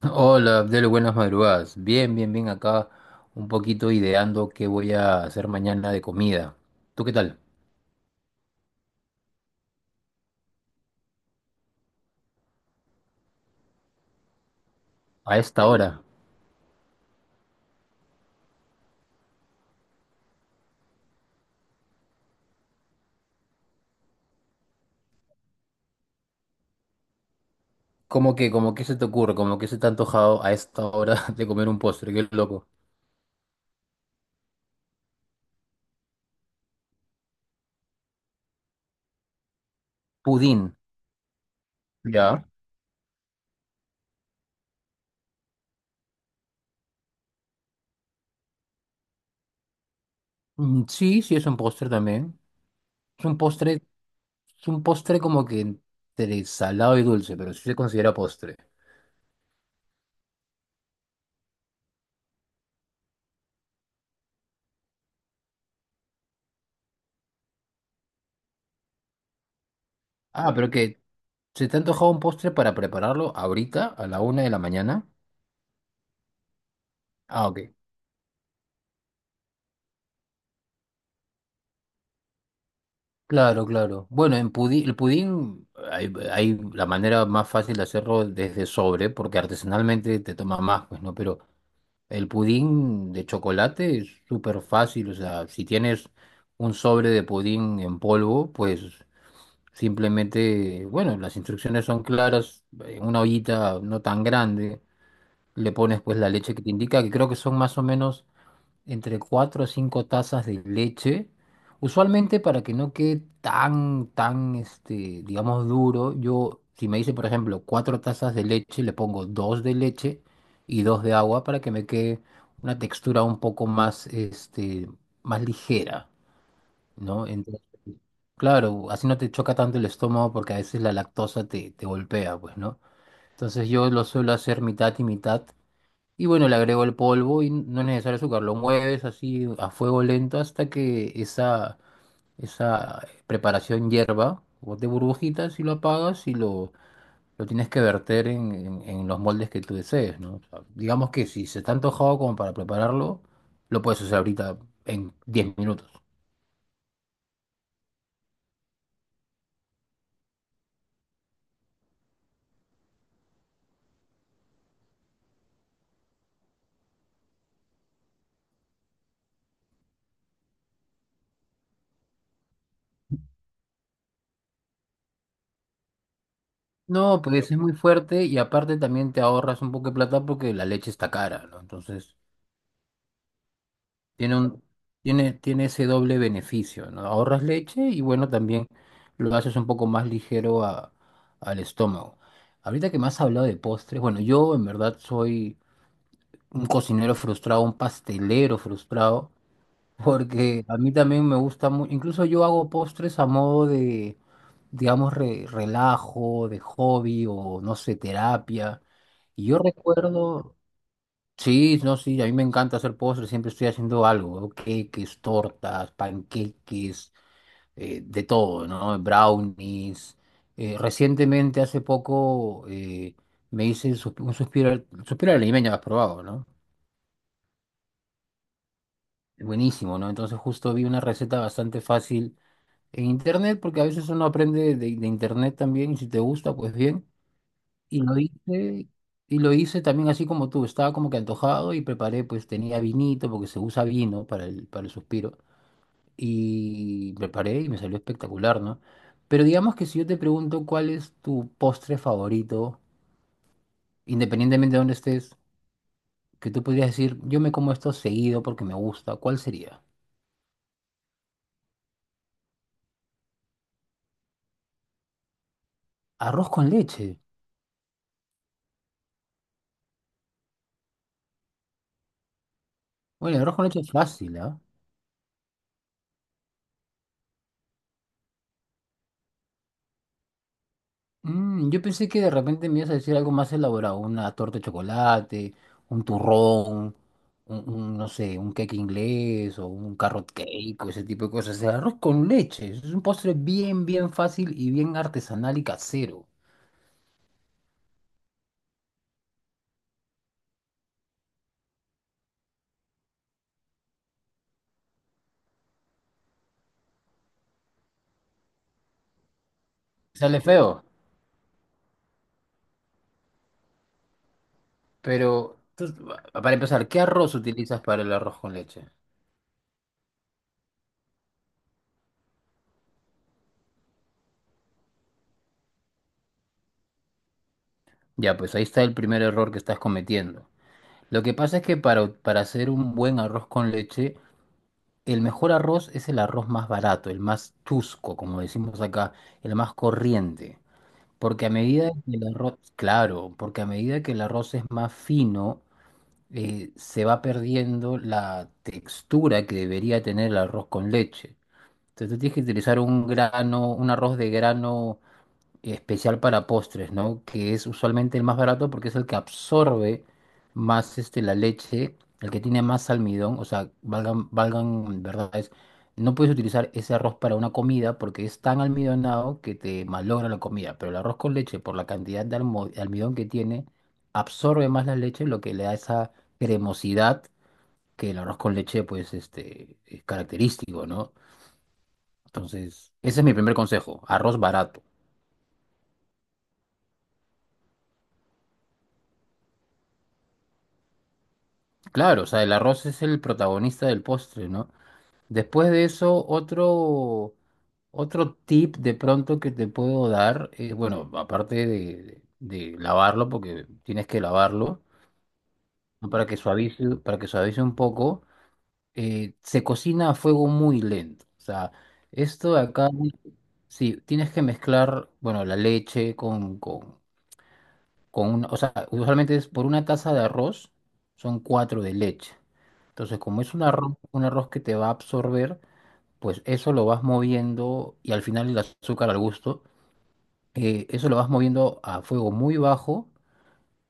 Hola, Abdel, buenas madrugadas. Bien, bien, bien acá, un poquito ideando qué voy a hacer mañana de comida. ¿Tú qué tal? A esta hora. ¿Cómo que se te ocurre? ¿Cómo que se te ha antojado a esta hora de comer un postre? Qué loco. Pudín. ¿Ya? Mm, sí, sí, es un postre también. Es un postre, es un postre, como que entre salado y dulce, pero sí se considera postre. Ah, ¿se te ha antojado un postre para prepararlo ahorita, a la una de la mañana? Ah, ok. Claro, claro. Bueno, el pudín, hay la manera más fácil de hacerlo desde sobre, porque artesanalmente te toma más, pues, ¿no? Pero el pudín de chocolate es súper fácil, o sea, si tienes un sobre de pudín en polvo, pues simplemente, bueno, las instrucciones son claras. En una ollita no tan grande, le pones pues la leche que te indica, que creo que son más o menos entre 4 o 5 tazas de leche. Usualmente, para que no quede tan, digamos, duro, yo, si me dice, por ejemplo, 4 tazas de leche, le pongo 2 de leche y 2 de agua para que me quede una textura un poco más, más ligera, ¿no? Entonces, claro, así no te choca tanto el estómago, porque a veces la lactosa te golpea, pues, ¿no? Entonces yo lo suelo hacer mitad y mitad. Y bueno, le agrego el polvo y no es necesario azúcar. Lo mueves así a fuego lento hasta que esa preparación hierva o de burbujitas, y lo apagas y lo tienes que verter en los moldes que tú desees, ¿no? O sea, digamos que si se está antojado como para prepararlo, lo puedes hacer ahorita en 10 minutos. No, pues es muy fuerte, y aparte también te ahorras un poco de plata porque la leche está cara, ¿no? Entonces Tiene un, tiene ese doble beneficio, ¿no? Ahorras leche y bueno, también lo haces un poco más ligero al estómago. Ahorita que me has hablado de postres, bueno, yo en verdad soy un cocinero frustrado, un pastelero frustrado, porque a mí también me gusta mucho, incluso yo hago postres a modo de, digamos, relajo, de hobby, o no sé, terapia. Y yo recuerdo, Sí, no, sí, a mí me encanta hacer postres, siempre estoy haciendo algo, ¿no? Queques, tortas, panqueques, de todo, ¿no? Brownies. Recientemente, hace poco, me hice un suspiro, suspiro al limeño, has probado, ¿no? Buenísimo, ¿no? Entonces justo vi una receta bastante fácil en internet, porque a veces uno aprende de, internet también, y si te gusta, pues bien. Y lo hice, y lo hice también así como tú, estaba como que antojado y preparé, pues tenía vinito, porque se usa vino para el suspiro, y preparé y me salió espectacular, ¿no? Pero digamos que si yo te pregunto cuál es tu postre favorito, independientemente de dónde estés, que tú podrías decir, yo me como esto seguido porque me gusta, ¿cuál sería? Arroz con leche. Bueno, el arroz con leche es fácil, ¿ah? Yo pensé que de repente me ibas a decir algo más elaborado, una torta de chocolate, un turrón, no sé, un cake inglés o un carrot cake o ese tipo de cosas. O sea, arroz con leche. Es un postre bien, bien fácil y bien artesanal y casero. Sale feo, pero para empezar, ¿qué arroz utilizas para el arroz con leche? Ya, pues ahí está el primer error que estás cometiendo. Lo que pasa es que para hacer un buen arroz con leche, el mejor arroz es el arroz más barato, el más chusco, como decimos acá, el más corriente. Porque a medida que el arroz, claro, porque a medida que el arroz es más fino, se va perdiendo la textura que debería tener el arroz con leche. Entonces tú tienes que utilizar un grano, un arroz de grano especial para postres, ¿no? Que es usualmente el más barato porque es el que absorbe más, la leche, el que tiene más almidón, o sea, valgan, valgan, ¿verdad? No puedes utilizar ese arroz para una comida porque es tan almidonado que te malogra la comida, pero el arroz con leche, por la cantidad de de almidón que tiene, absorbe más la leche, lo que le da esa cremosidad que el arroz con leche, pues, es característico, ¿no? Entonces, ese es mi primer consejo, arroz barato. Claro, o sea, el arroz es el protagonista del postre, ¿no? Después de eso, otro tip de pronto que te puedo dar, bueno, aparte lavarlo, porque tienes que lavarlo, ¿no? para que suavice un poco, se cocina a fuego muy lento. O sea, esto de acá, sí, tienes que mezclar, bueno, la leche con, o sea, usualmente es por una taza de arroz, son cuatro de leche. Entonces, como es un arroz que te va a absorber, pues eso lo vas moviendo, y al final el azúcar al gusto, eso lo vas moviendo a fuego muy bajo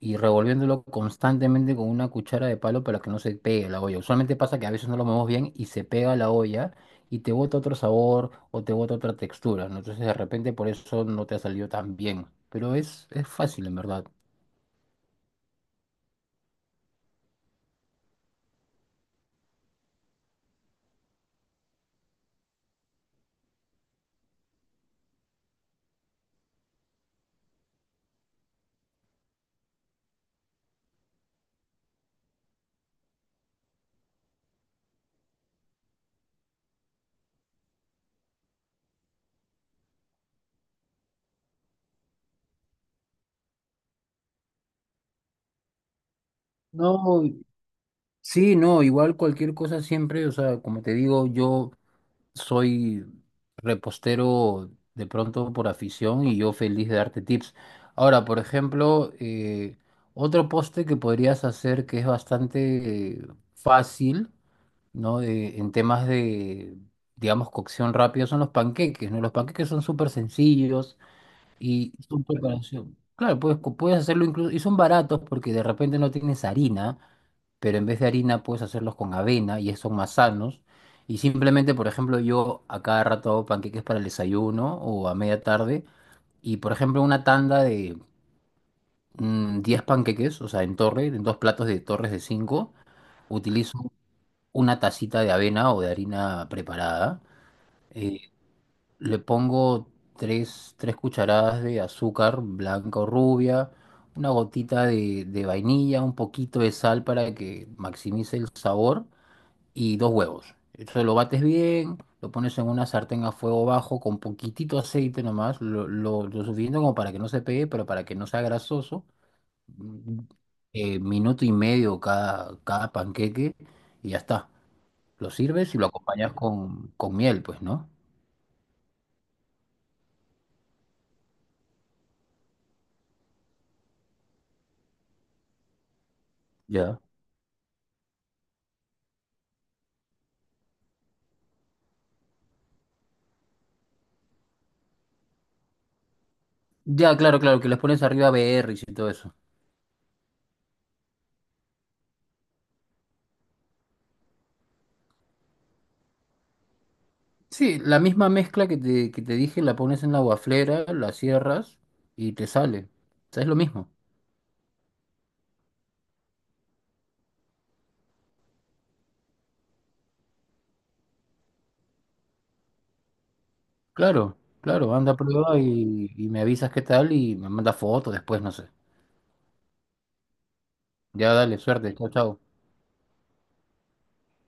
y revolviéndolo constantemente con una cuchara de palo para que no se pegue la olla. Usualmente pasa que a veces no lo movemos bien y se pega la olla y te bota otro sabor o te bota otra textura, ¿no? Entonces, de repente por eso no te ha salido tan bien. Pero es fácil, en verdad. No, sí, no, igual cualquier cosa siempre, o sea, como te digo, yo soy repostero de pronto por afición, y yo feliz de darte tips. Ahora, por ejemplo, otro poste que podrías hacer que es bastante fácil, ¿no? En temas de, digamos, cocción rápida son los panqueques, ¿no? Los panqueques son súper sencillos y su preparación. Claro, puedes hacerlo incluso, y son baratos porque de repente no tienes harina, pero en vez de harina puedes hacerlos con avena y son más sanos. Y simplemente, por ejemplo, yo a cada rato hago panqueques para el desayuno o a media tarde. Y, por ejemplo, una tanda de 10 panqueques, o sea, en torre, en dos platos de torres de cinco, utilizo una tacita de avena o de harina preparada. eh, Le pongo tres cucharadas de azúcar blanca o rubia, una gotita de, vainilla, un poquito de sal para que maximice el sabor, y dos huevos. Entonces lo bates bien, lo pones en una sartén a fuego bajo con poquitito aceite nomás, lo suficiente como para que no se pegue, pero para que no sea grasoso. Mm, Minuto y medio cada panqueque y ya está. Lo sirves y lo acompañas con, miel, pues, ¿no? Ya. Ya, claro, claro, que les pones arriba berries y todo eso. Sí, la misma mezcla que te dije, la pones en la guaflera, la cierras y te sale. O sea, es lo mismo. Claro, claro, anda a prueba y me avisas qué tal y me manda fotos después, no sé. Ya dale, suerte, chao, chao.